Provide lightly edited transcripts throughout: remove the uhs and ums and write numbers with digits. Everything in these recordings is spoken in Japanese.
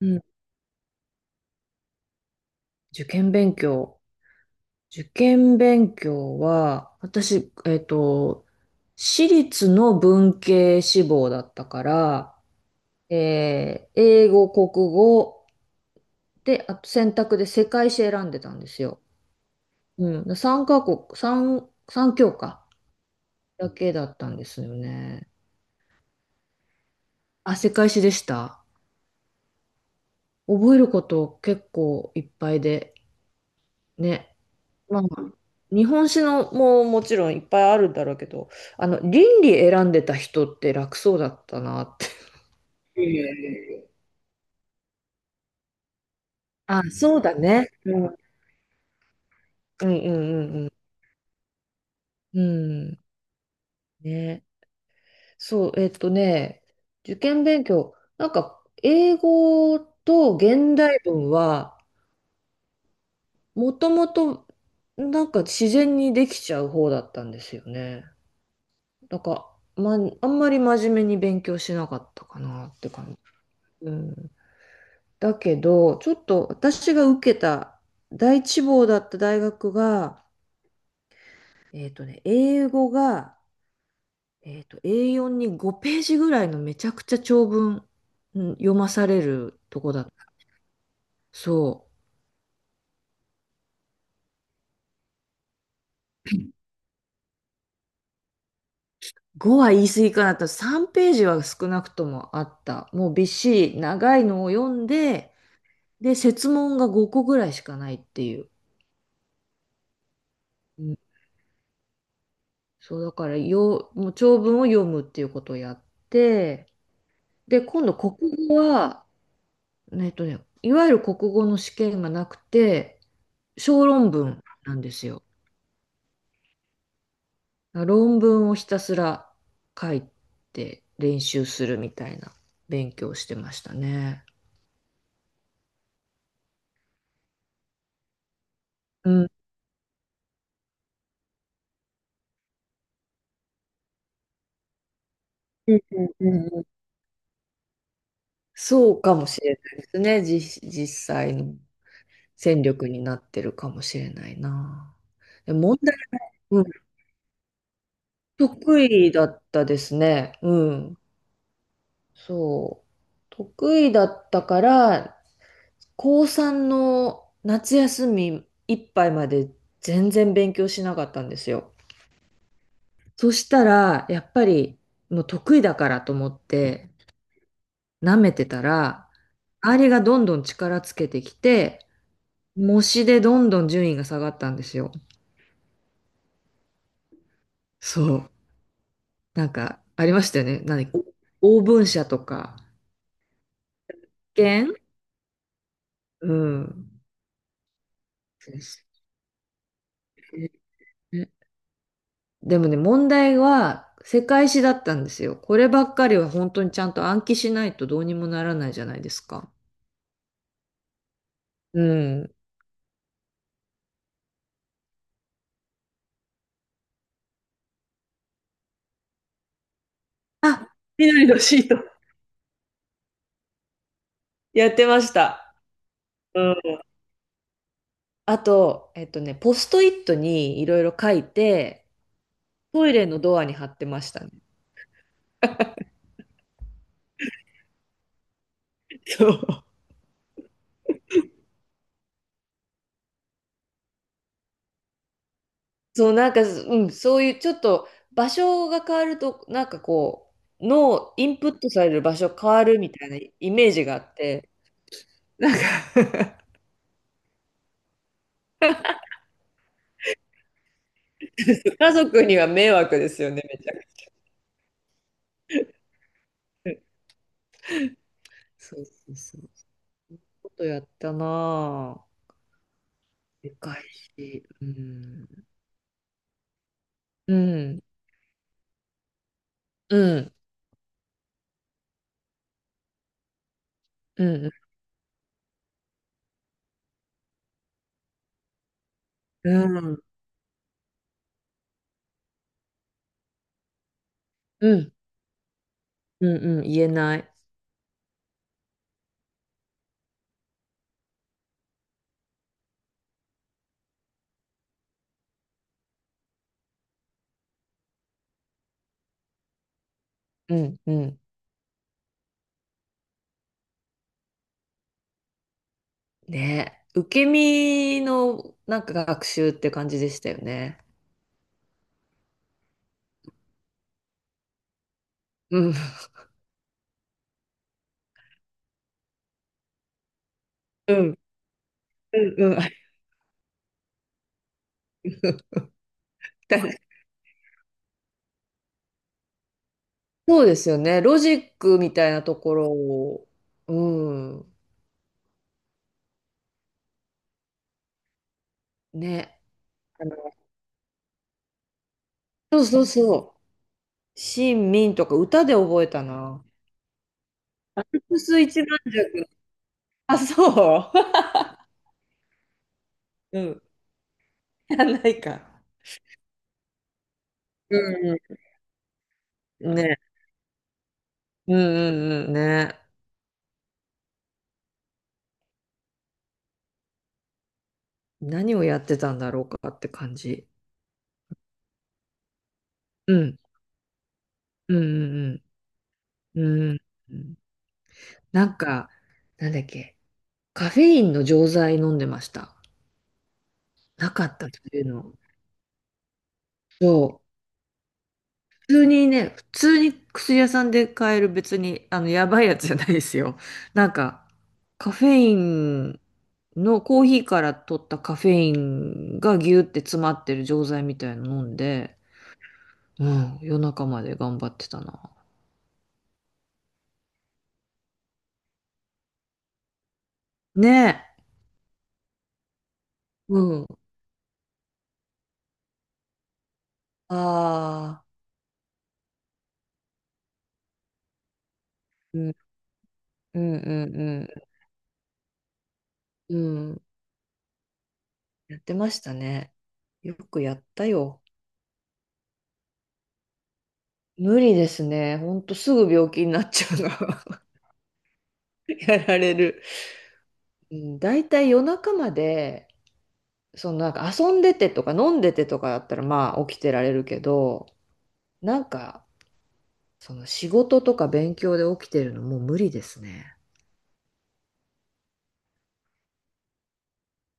うん、受験勉強。受験勉強は、私、私立の文系志望だったから、英語、国語で、あと選択で世界史選んでたんですよ。うん、3カ国、3、三教科だけだったんですよね。あ、世界史でした。覚えること結構いっぱいで、ね、まあ、日本史のももちろんいっぱいあるんだろうけど、倫理選んでた人って楽そうだったなって。いやいやいや、あ、そうだね。うん、うんうんうんうん。うん。ね。そう、受験勉強、なんか、英語と現代文は、もともと、なんか自然にできちゃう方だったんですよね。なんか、ま、あんまり真面目に勉強しなかったかなって感じ。うん。だけど、ちょっと私が受けた第一志望だった大学が、英語が、A4 に5ページぐらいのめちゃくちゃ長文うん読まされるとこだった。そう。5は言い過ぎかなと。3ページは少なくともあった。もうびっしり長いのを読んで、で、設問が5個ぐらいしかないっていう。うんそう、だからよ、もう長文を読むっていうことをやって、で、今度国語は、いわゆる国語の試験がなくて、小論文なんですよ。論文をひたすら書いて練習するみたいな勉強をしてましたね。うん、うんうんうん、そうかもしれないですね。実際の戦力になってるかもしれないな。で問題、うん、得意だったですね。うん。そう。得意だったから、高3の夏休みいっぱいまで全然勉強しなかったんですよ。そしたら、やっぱりもう得意だからと思って舐めてたら、周りがどんどん力つけてきて、模試でどんどん順位が下がったんですよ。そう。なんかありましたよね。何、お応募者とか、試験。うん。でもね、問題は世界史だったんですよ。こればっかりは本当にちゃんと暗記しないとどうにもならないじゃないですか。うん。緑のシート。やってました。うん。あと、ポストイットにいろいろ書いて、トイレのドアに貼ってましたね。そう。そう、なんか、うん、そういうちょっと場所が変わると、なんかこう、脳、インプットされる場所変わるみたいなイメージがあって、なんか 家族には迷惑ですよね、めちゃくちゃ。そうそうそう。ことやったなぁ。でか返し。うん。うん。うん。うん。うん。うん。うん。うん。言えない。うん。うん。ね。受け身のなんか学習って感じでしたよね。うん。うん。うん。うん。そうですよね。ロジックみたいなところを。うん。ね。あの、そうそうそう。シン・ミンとか歌で覚えたな。アルプス一万尺。あ、そう うん。やんないか。うんうん。ね。うんうんうん。ね。何をやってたんだろうかって感じ。うん。うんうんうん。うん。うんなんか、なんだっけ。カフェインの錠剤飲んでました。なかったっていうの。そう。普通にね、普通に薬屋さんで買える別に、やばいやつじゃないですよ。なんか、カフェインのコーヒーから取ったカフェインがギューって詰まってる錠剤みたいの飲んで、うん、夜中まで頑張ってたな。ねえ。うん。ああ、うん、うん、うん、うん。やってましたね。よくやったよ。無理ですね。ほんとすぐ病気になっちゃうの。やられる。うん、大体夜中まで、そのなんか遊んでてとか飲んでてとかだったらまあ起きてられるけど、なんかその仕事とか勉強で起きてるのもう無理ですね。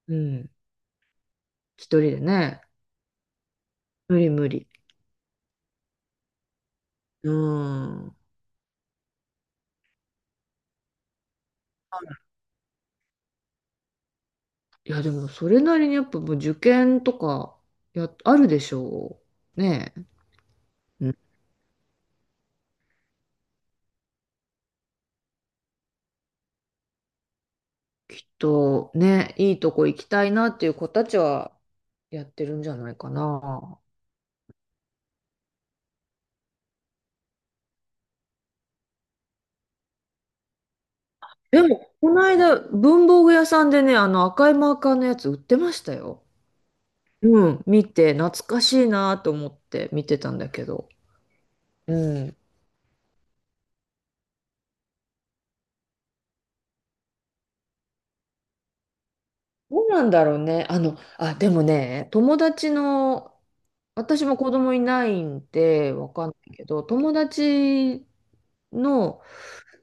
うん。一人でね。無理無理。うん。いや、でもそれなりにやっぱもう受験とかや、あるでしょう。ねえ。うん、きっとね、いいとこ行きたいなっていう子たちはやってるんじゃないかな。でも、この間、文房具屋さんでね、あの赤いマーカーのやつ売ってましたよ。うん、見て、懐かしいなと思って見てたんだけど。うん。どうなんだろうね。あの、あ、でもね、友達の、私も子供いないんでわかんないけど、友達の、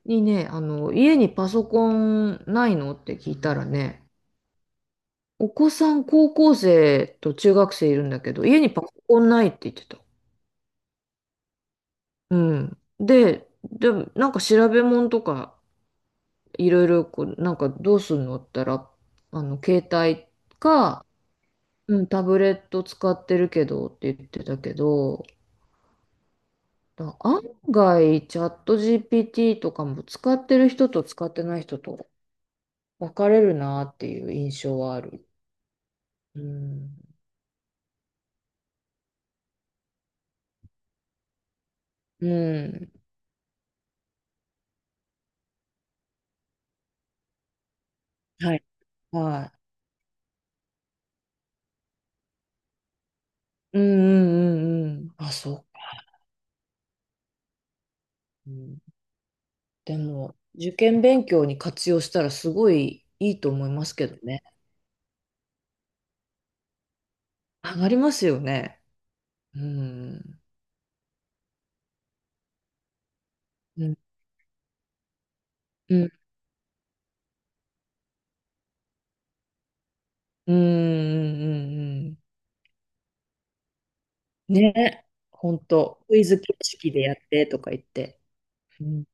にね、家にパソコンないのって聞いたらね、お子さん高校生と中学生いるんだけど、家にパソコンないって言ってた。うん。で、でもなんか調べ物とか、いろいろこう、なんかどうするのって言ったら、携帯か、うん、タブレット使ってるけどって言ってたけど、だ案外、チャット GPT とかも使ってる人と使ってない人と分かれるなっていう印象はある。うん。うん。はい。はい。うんうんうんうん。あ、そうか。うん、でも、受験勉強に活用したらすごいいいと思いますけどね。上がりますよね。うん。うん。うん。うんうんうん。ね。本当。クイズ形式でやってとか言って。うん